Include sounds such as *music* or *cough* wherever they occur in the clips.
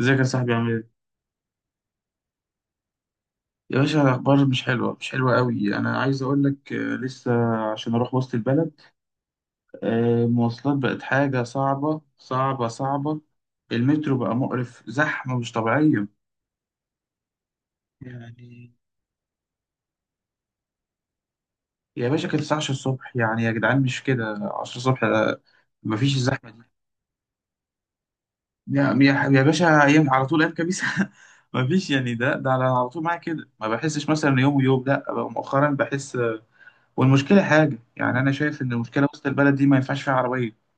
ازيك يا صاحبي؟ عامل ايه؟ يا باشا الأخبار مش حلوة، مش حلوة قوي. أنا عايز أقول لك، لسه عشان أروح وسط البلد. المواصلات بقت حاجة صعبة صعبة صعبة. المترو بقى مقرف، زحمة مش طبيعية. يعني يا باشا كانت الساعة 10 الصبح، يعني يا جدعان مش كده. 10 الصبح ده مفيش الزحمة دي. يا باشا، أيام على طول، أيام كبيسة. *laughs* مفيش يعني. ده على طول معايا كده، ما بحسش مثلا يوم ويوم، لا بقى مؤخرا بحس. والمشكله حاجه، يعني انا شايف ان المشكله وسط البلد دي ما ينفعش فيها عربيه.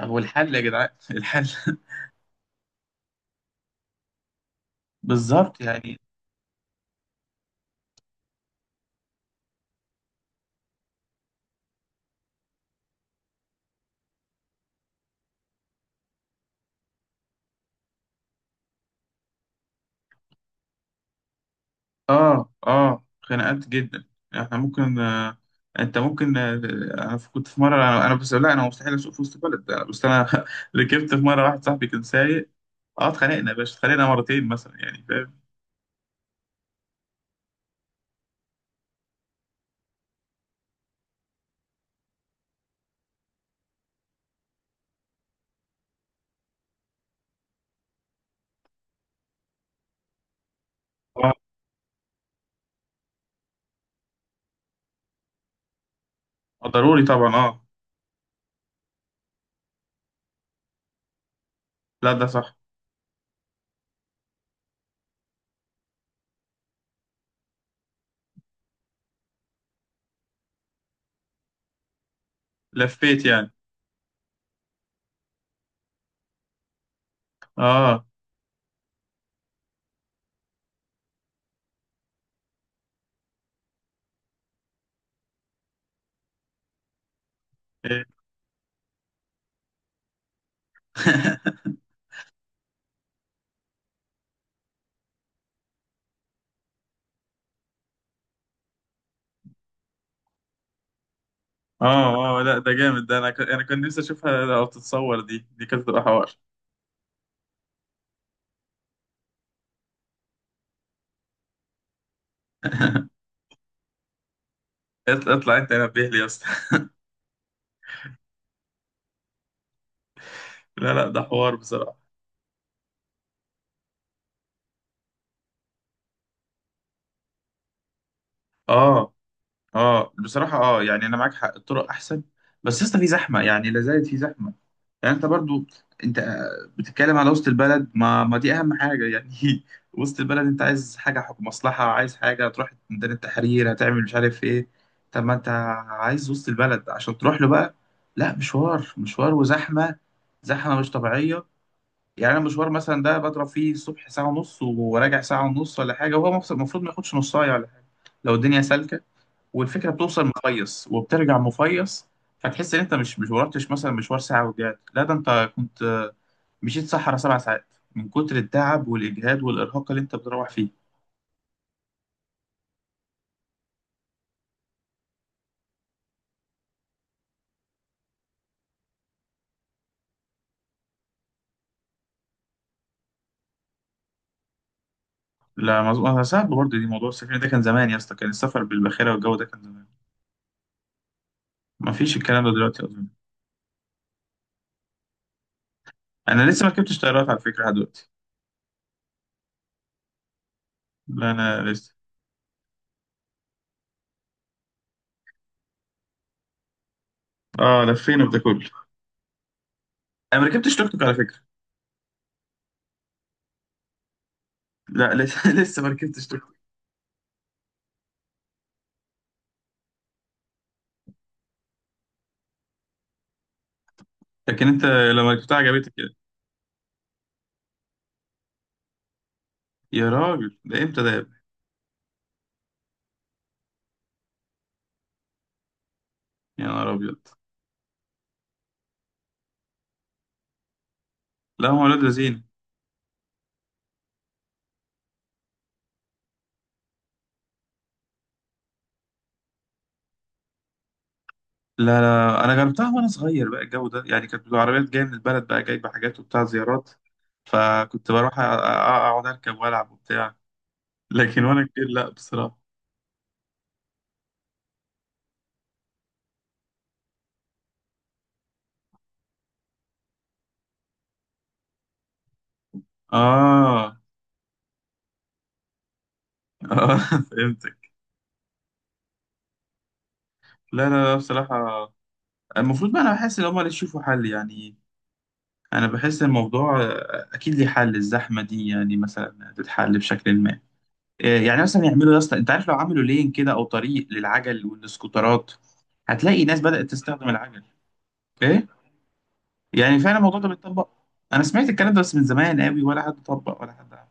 هو الحل يا جدعان *laughs* الحل. بالظبط يعني. اه اه، خناقات جدا. احنا ممكن آه، انت ممكن آه. كنت في مره، انا بس، لا انا مستحيل اسوق في وسط البلد. بس انا *laughs* ركبت في مره واحد صاحبي كان سايق. اه، اتخانقنا يا باشا، اتخانقنا مرتين مثلا، يعني فاهم. اه، ضروري طبعا، اه. لا ده صح. لفيت يعني. اه، إيه. *laughs* اه اه، لا ده جامد ده. انا كان نفسي اشوفها، لو تتصور دي كانت تبقى حوار. *laughs* اطلع اطلع، انت نبه لي يا اسطى. *laughs* لا لا، ده حوار بصراحه. اه اه بصراحه، اه يعني انا معاك حق، الطرق احسن. بس يا اسطى في زحمه، يعني لا زالت في زحمه. يعني انت برضو، انت بتتكلم على وسط البلد، ما دي اهم حاجه يعني. *laughs* وسط البلد انت عايز حاجه، حكم مصلحه، عايز حاجه تروح ميدان التحرير، هتعمل مش عارف ايه. طب ما انت عايز وسط البلد عشان تروح له بقى. لا مشوار، مشوار وزحمه، زحمه مش طبيعيه. يعني انا مشوار مثلا ده بضرب فيه الصبح ساعه ونص، وراجع ساعه ونص ولا حاجه، وهو المفروض ما ياخدش نص ساعه ولا حاجه، لو الدنيا سالكه. والفكره بتوصل مفيص وبترجع مفيص. فتحس ان انت مش ورحتش مثلا مشوار ساعه ورجعت، لا ده انت كنت مشيت صحرا سبع ساعات، من كتر التعب والاجهاد والارهاق اللي انت بتروح فيه. لا مظبوط. انا صعب برضه، دي موضوع السفر ده كان زمان يا اسطى، كان السفر بالباخره والجو ده كان زمان، ما فيش الكلام ده دلوقتي اظن. انا لسه ما ركبتش طيارات على فكره لحد دلوقتي، لا انا لسه. اه لفينا بده كله. انا ما ركبتش توك توك على فكره. لا لسه *laughs* لسه ما ركبتش توك توك. لكن انت لما ركبتها عجبتك يعني؟ يا راجل، ده امتى ده يا ابني؟ يا نهار ابيض! لا هم ولاد لذين. لا لا، انا جربتها وانا صغير بقى، الجو ده يعني، كانت العربيات جايه من البلد بقى، جايبه حاجات وبتاع زيارات، فكنت بروح اقعد اركب والعب وبتاع. لكن وانا كبير لا بصراحه. اه اه. *laughs* فهمتك. لا لا لا بصراحه، المفروض بقى انا بحس ان هم اللي يشوفوا حل يعني. انا بحس الموضوع اكيد ليه حل، الزحمه دي يعني مثلا تتحل بشكل ما. يعني مثلا يعملوا، يا اسطى انت عارف، لو عملوا لين كده او طريق للعجل والسكوترات، هتلاقي ناس بدأت تستخدم العجل. ايه، يعني فعلا الموضوع ده بيتطبق؟ انا سمعت الكلام ده بس من زمان قوي، ولا حد طبق ولا حد عمل.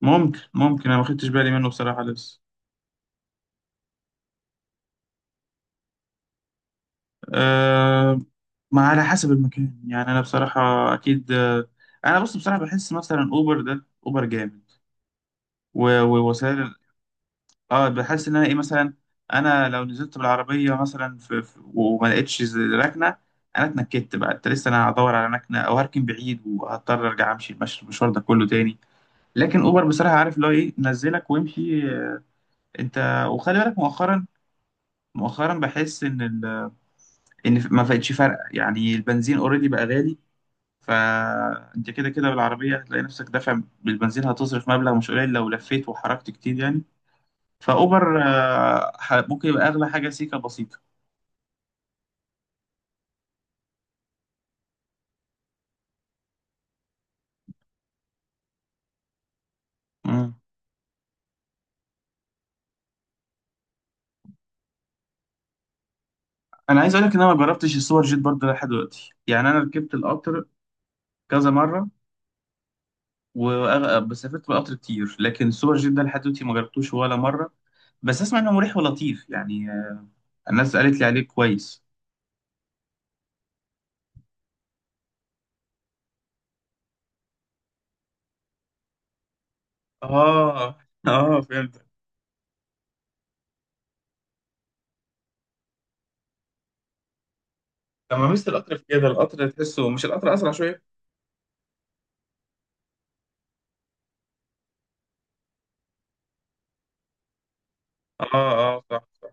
ممكن ممكن، انا ما خدتش بالي منه بصراحه لسه. أه، ما على حسب المكان يعني. انا بصراحه اكيد انا بص بصراحه بحس مثلا اوبر ده، اوبر جامد. و- ووسائل ال- اه بحس ان انا ايه مثلا، انا لو نزلت بالعربيه مثلا وما لقيتش ركنه، انا اتنكدت بقى. انت لسه انا هدور على مكنه او هركن بعيد، وهضطر ارجع امشي المشوار ده كله تاني. لكن اوبر بصراحه، عارف اللي هو ايه، نزلك وامشي. انت وخلي بالك مؤخرا، مؤخرا بحس ان ان ما بقتش فارقه يعني، البنزين اوريدي بقى غالي، فانت كده كده بالعربيه هتلاقي نفسك دافع بالبنزين، هتصرف مبلغ مش قليل لو لفيت وحركت كتير يعني. فاوبر ممكن يبقى اغلى حاجه سيكه بسيطه. مم. انا عايز اقول لك ان انا ما جربتش السوبر جيت برضه لحد دلوقتي. يعني انا ركبت القطر كذا مره، بس سافرت بالقطر كتير، لكن سوبر جيت ده لحد دلوقتي ما جربتوش ولا مرة. بس اسمع انه مريح ولطيف يعني، الناس قالت لي عليه كويس. اه اه فهمت. لما مست القطر في كده، القطر تحسه مش، القطر اسرع شويه؟ اه اه صح صح.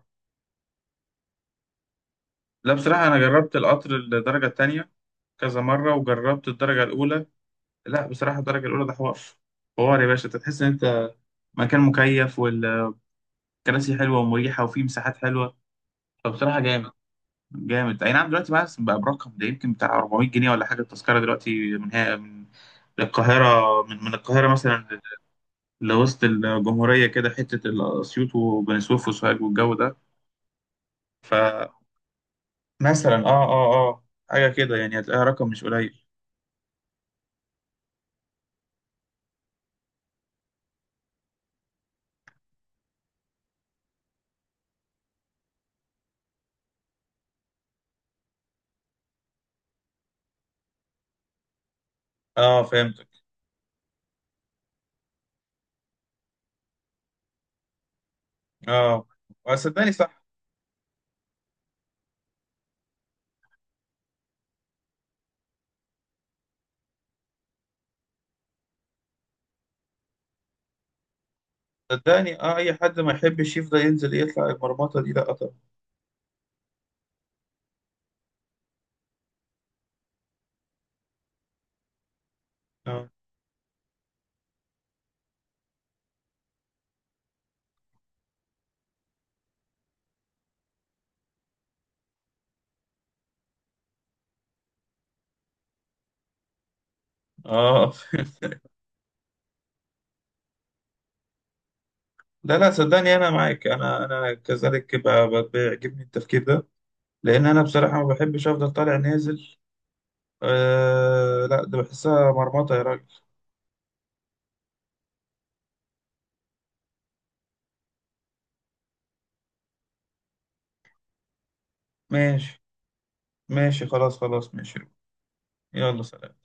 لا بصراحه انا جربت القطر الدرجه الثانيه كذا مره، وجربت الدرجه الاولى. لا بصراحه، الدرجه الاولى ده حوار، حوار يا باشا. أنت تحس ان انت مكان مكيف، والكراسي حلوه ومريحه، وفيه مساحات حلوه. فبصراحه جامد، جامد. اي نعم، دلوقتي بقى برقم ده، يمكن بتاع 400 جنيه ولا حاجه التذكره دلوقتي، من هي، من القاهره، من القاهره مثلا لوسط الجمهوريه كده حته، اسيوط وبني سويف وسوهاج والجو ده. فمثلا اه اه اه، حاجه كده يعني، هتلاقيها رقم مش قليل. اه فهمتك. اه صدقني صح. صدقني، اه اي حد ما يحبش يفضل ينزل يطلع المرمطه دي، لا طبعا. اه اه. *laughs* لا لا، صدقني انا معاك، انا كذلك، بيعجبني التفكير ده، لان انا بصراحه ما بحبش افضل طالع نازل. آه لا، ده بحسها مرمطه يا راجل. ماشي، ماشي خلاص، خلاص ماشي. يلا سلام.